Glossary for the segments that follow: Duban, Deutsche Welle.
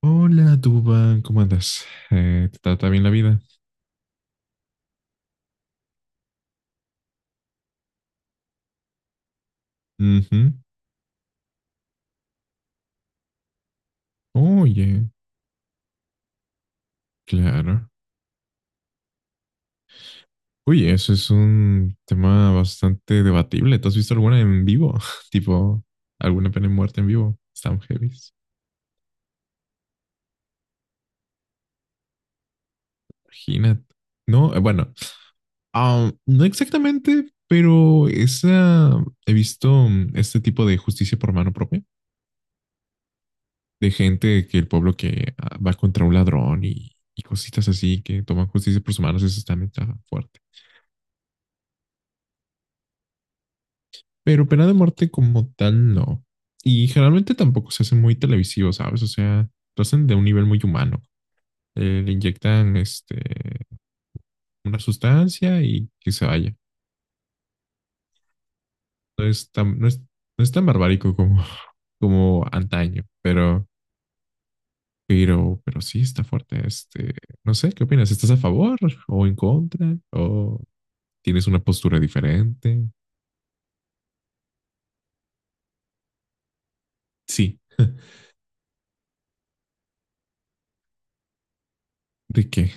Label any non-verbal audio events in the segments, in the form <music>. Hola, Duban, ¿cómo andas? ¿Te trata bien la vida? Ujú. Oye, claro. Oye, eso es un tema bastante debatible. ¿Te has visto alguna en vivo? <laughs> Tipo, alguna pena de muerte en vivo. Están heavy. Imagínate. No, bueno, no exactamente, pero esa, he visto este tipo de justicia por mano propia, de gente que el pueblo que va contra un ladrón y cositas así, que toman justicia por sus manos, eso también está fuerte. Pero pena de muerte como tal, no. Y generalmente tampoco se hace muy televisivo, ¿sabes? O sea, lo hacen de un nivel muy humano. Le inyectan una sustancia y que se vaya. No es tan barbárico como, <laughs> como antaño, pero sí está fuerte. No sé, ¿qué opinas? ¿Estás a favor o en contra? ¿O tienes una postura diferente? Sí. <laughs> ¿De qué?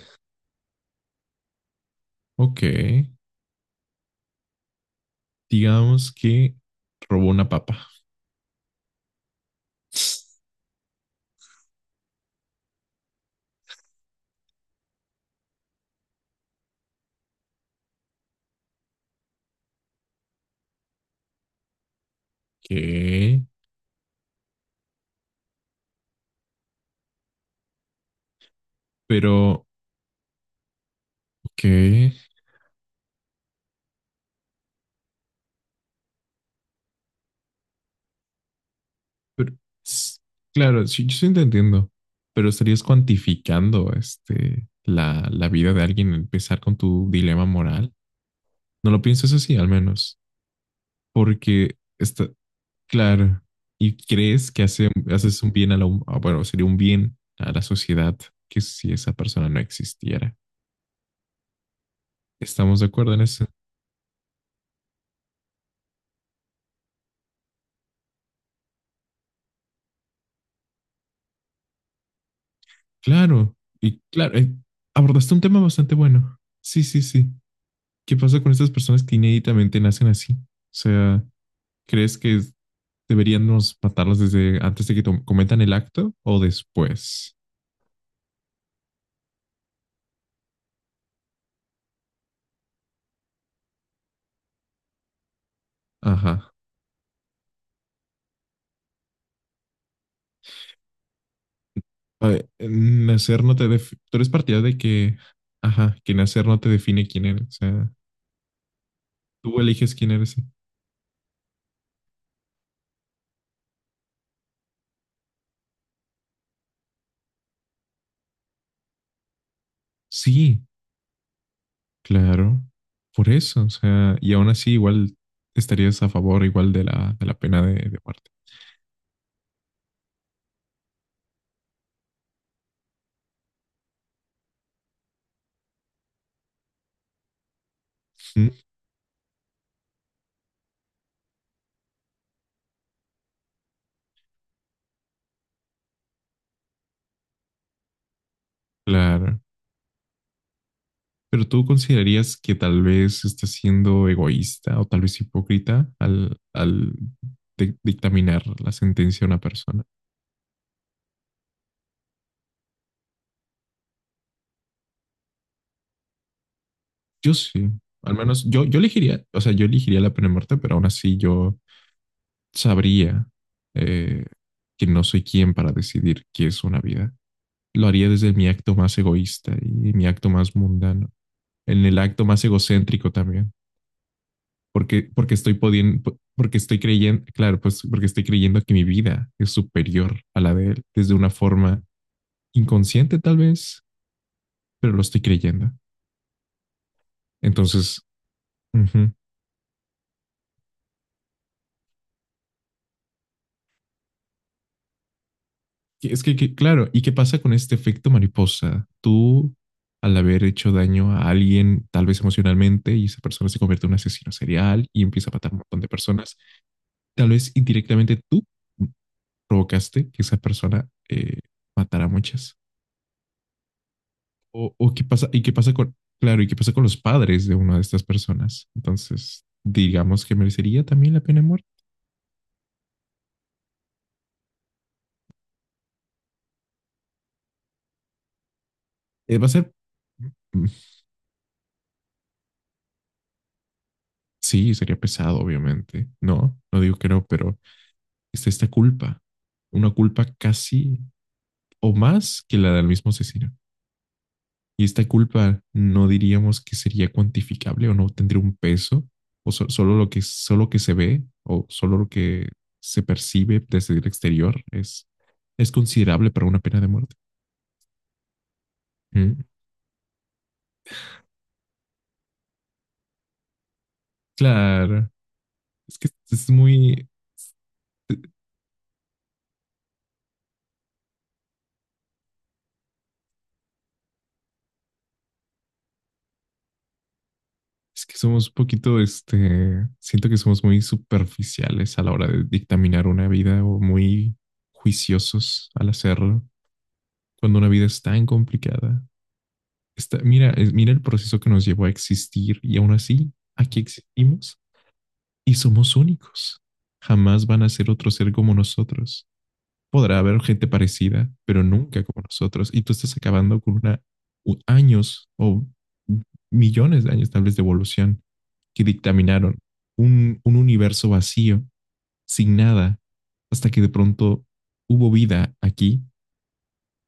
Ok. Digamos que robó una papa. ¿Qué? Pero, ¿qué? Pero, s- claro, sí, yo sí te entiendo, pero estarías cuantificando la vida de alguien, empezar con tu dilema moral. No lo piensas así, al menos, porque está, claro, y crees que haces un bien a la, hum- ah, bueno, sería un bien a la sociedad que si esa persona no existiera. ¿Estamos de acuerdo en eso? Claro, y claro, abordaste un tema bastante bueno. Sí, sí, sí. ¿Qué pasa con estas personas que inéditamente nacen así? O sea, ¿crees que deberíamos matarlas desde antes de que cometan el acto o después? Ajá. A ver, nacer no te def- tú eres partidario de que, ajá, que nacer no te define quién eres. O sea, tú eliges quién eres. Sí, claro. Por eso, o sea, y aún así igual estarías a favor igual de la pena de muerte. Mm, claro. Pero tú considerarías que tal vez está siendo egoísta o tal vez hipócrita al, al dictaminar la sentencia a una persona. Yo sí, al menos yo elegiría, o sea, yo elegiría la pena de muerte, pero aún así yo sabría eh, que no soy quien para decidir qué es una vida. Lo haría desde mi acto más egoísta y mi acto más mundano, en el acto más egocéntrico también. Porque estoy pudiendo, porque estoy creyendo, claro, pues porque estoy creyendo que mi vida es superior a la de él desde una forma inconsciente tal vez, pero lo estoy creyendo. Entonces, uh -huh. Es que, claro, ¿y qué pasa con este efecto mariposa? Tú, al haber hecho daño a alguien, tal vez emocionalmente, y esa persona se convierte en un asesino serial y empieza a matar a un montón de personas, tal vez indirectamente tú provocaste que esa persona matara a muchas. O qué pasa, y qué pasa con, claro, y qué pasa con los padres de una de estas personas. Entonces, digamos que merecería también la pena de muerte. Va a ser, mm, sí, sería pesado, obviamente. No, no digo que no, pero está esta culpa, una culpa casi o más que la del mismo asesino. Y esta culpa no diríamos que sería cuantificable o no tendría un peso, o solo lo que, solo que se ve o solo lo que se percibe desde el exterior es, considerable para una pena de muerte. Mm. Claro, es que es muy, es que somos un poquito, siento que somos muy superficiales a la hora de dictaminar una vida o muy juiciosos al hacerlo, cuando una vida es tan complicada. Está, mira, mira el proceso que nos llevó a existir y aún así, aquí existimos y somos únicos. Jamás van a ser otro ser como nosotros. Podrá haber gente parecida, pero nunca como nosotros. Y tú estás acabando con una, años o millones de años tal vez de evolución que dictaminaron un universo vacío, sin nada, hasta que de pronto hubo vida aquí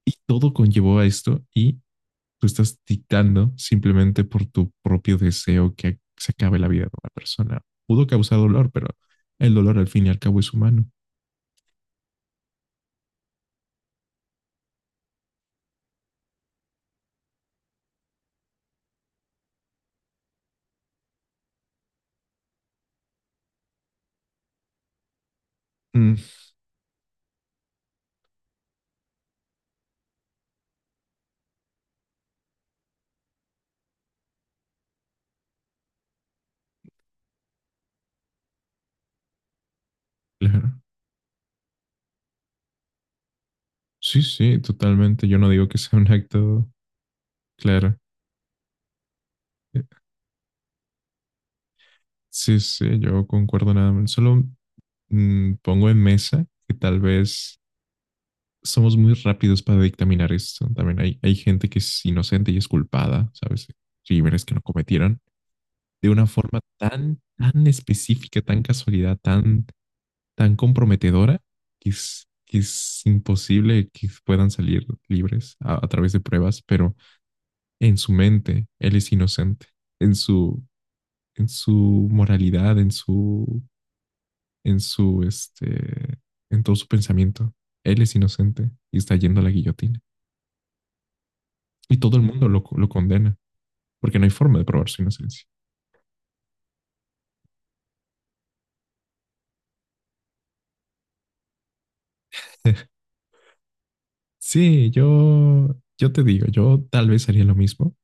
y todo conllevó a esto y tú estás dictando simplemente por tu propio deseo que se acabe la vida de una persona. Pudo causar dolor, pero el dolor al fin y al cabo es humano. Mm, claro. Sí, sí, totalmente. Yo no digo que sea un acto, claro. Eh, Sí, sí, yo concuerdo nada más. Solo pongo en mesa que tal vez somos muy rápidos para dictaminar esto. También hay gente que es inocente y es culpada, ¿sabes? Crímenes que no cometieron de una forma tan, tan específica, tan casualidad, tan, tan comprometedora que es imposible que puedan salir libres a través de pruebas, pero en su mente él es inocente en su en su moralidad, en su, en todo su pensamiento. Él es inocente y está yendo a la guillotina. Y todo el mundo lo condena, porque no hay forma de probar su inocencia. <laughs> Sí, yo te digo, yo tal vez haría lo mismo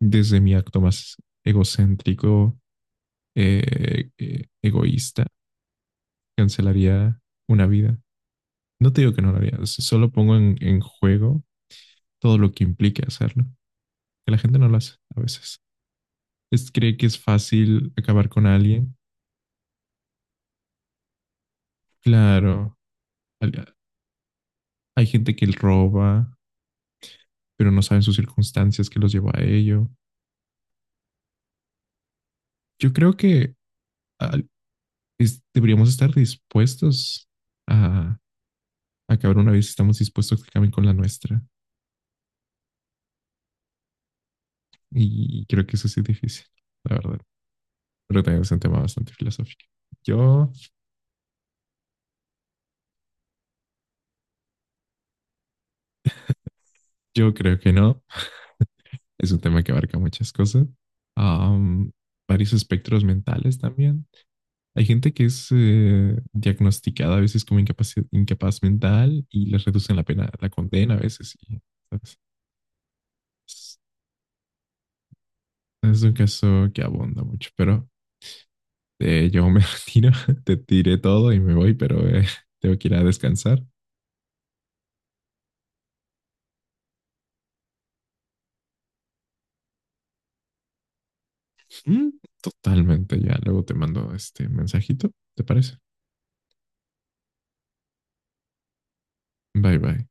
desde mi acto más egocéntrico, egoísta. Cancelaría una vida. No te digo que no lo haría, solo pongo en juego todo lo que implique hacerlo, que la gente no lo hace a veces. Es, cree que es fácil acabar con alguien. Claro, al- hay gente que roba, pero no saben sus circunstancias que los llevó a ello. Yo creo que al- deberíamos estar dispuestos a acabar una vez estamos dispuestos a que acaben con la nuestra. Y creo que eso sí es difícil, la verdad. Pero también es un tema bastante filosófico. Yo, yo creo que no. Es un tema que abarca muchas cosas. Am, varios espectros mentales también. Hay gente que es diagnosticada a veces como incapaz, incapaz mental y les reducen la pena, la condena a veces. Y, ¿sabes? Es, es un caso que abunda mucho, pero yo me <laughs> retiro, te tiré todo y me voy, pero tengo que ir a descansar. Mm, totalmente, ya luego te mando este mensajito, ¿te parece? Bye bye.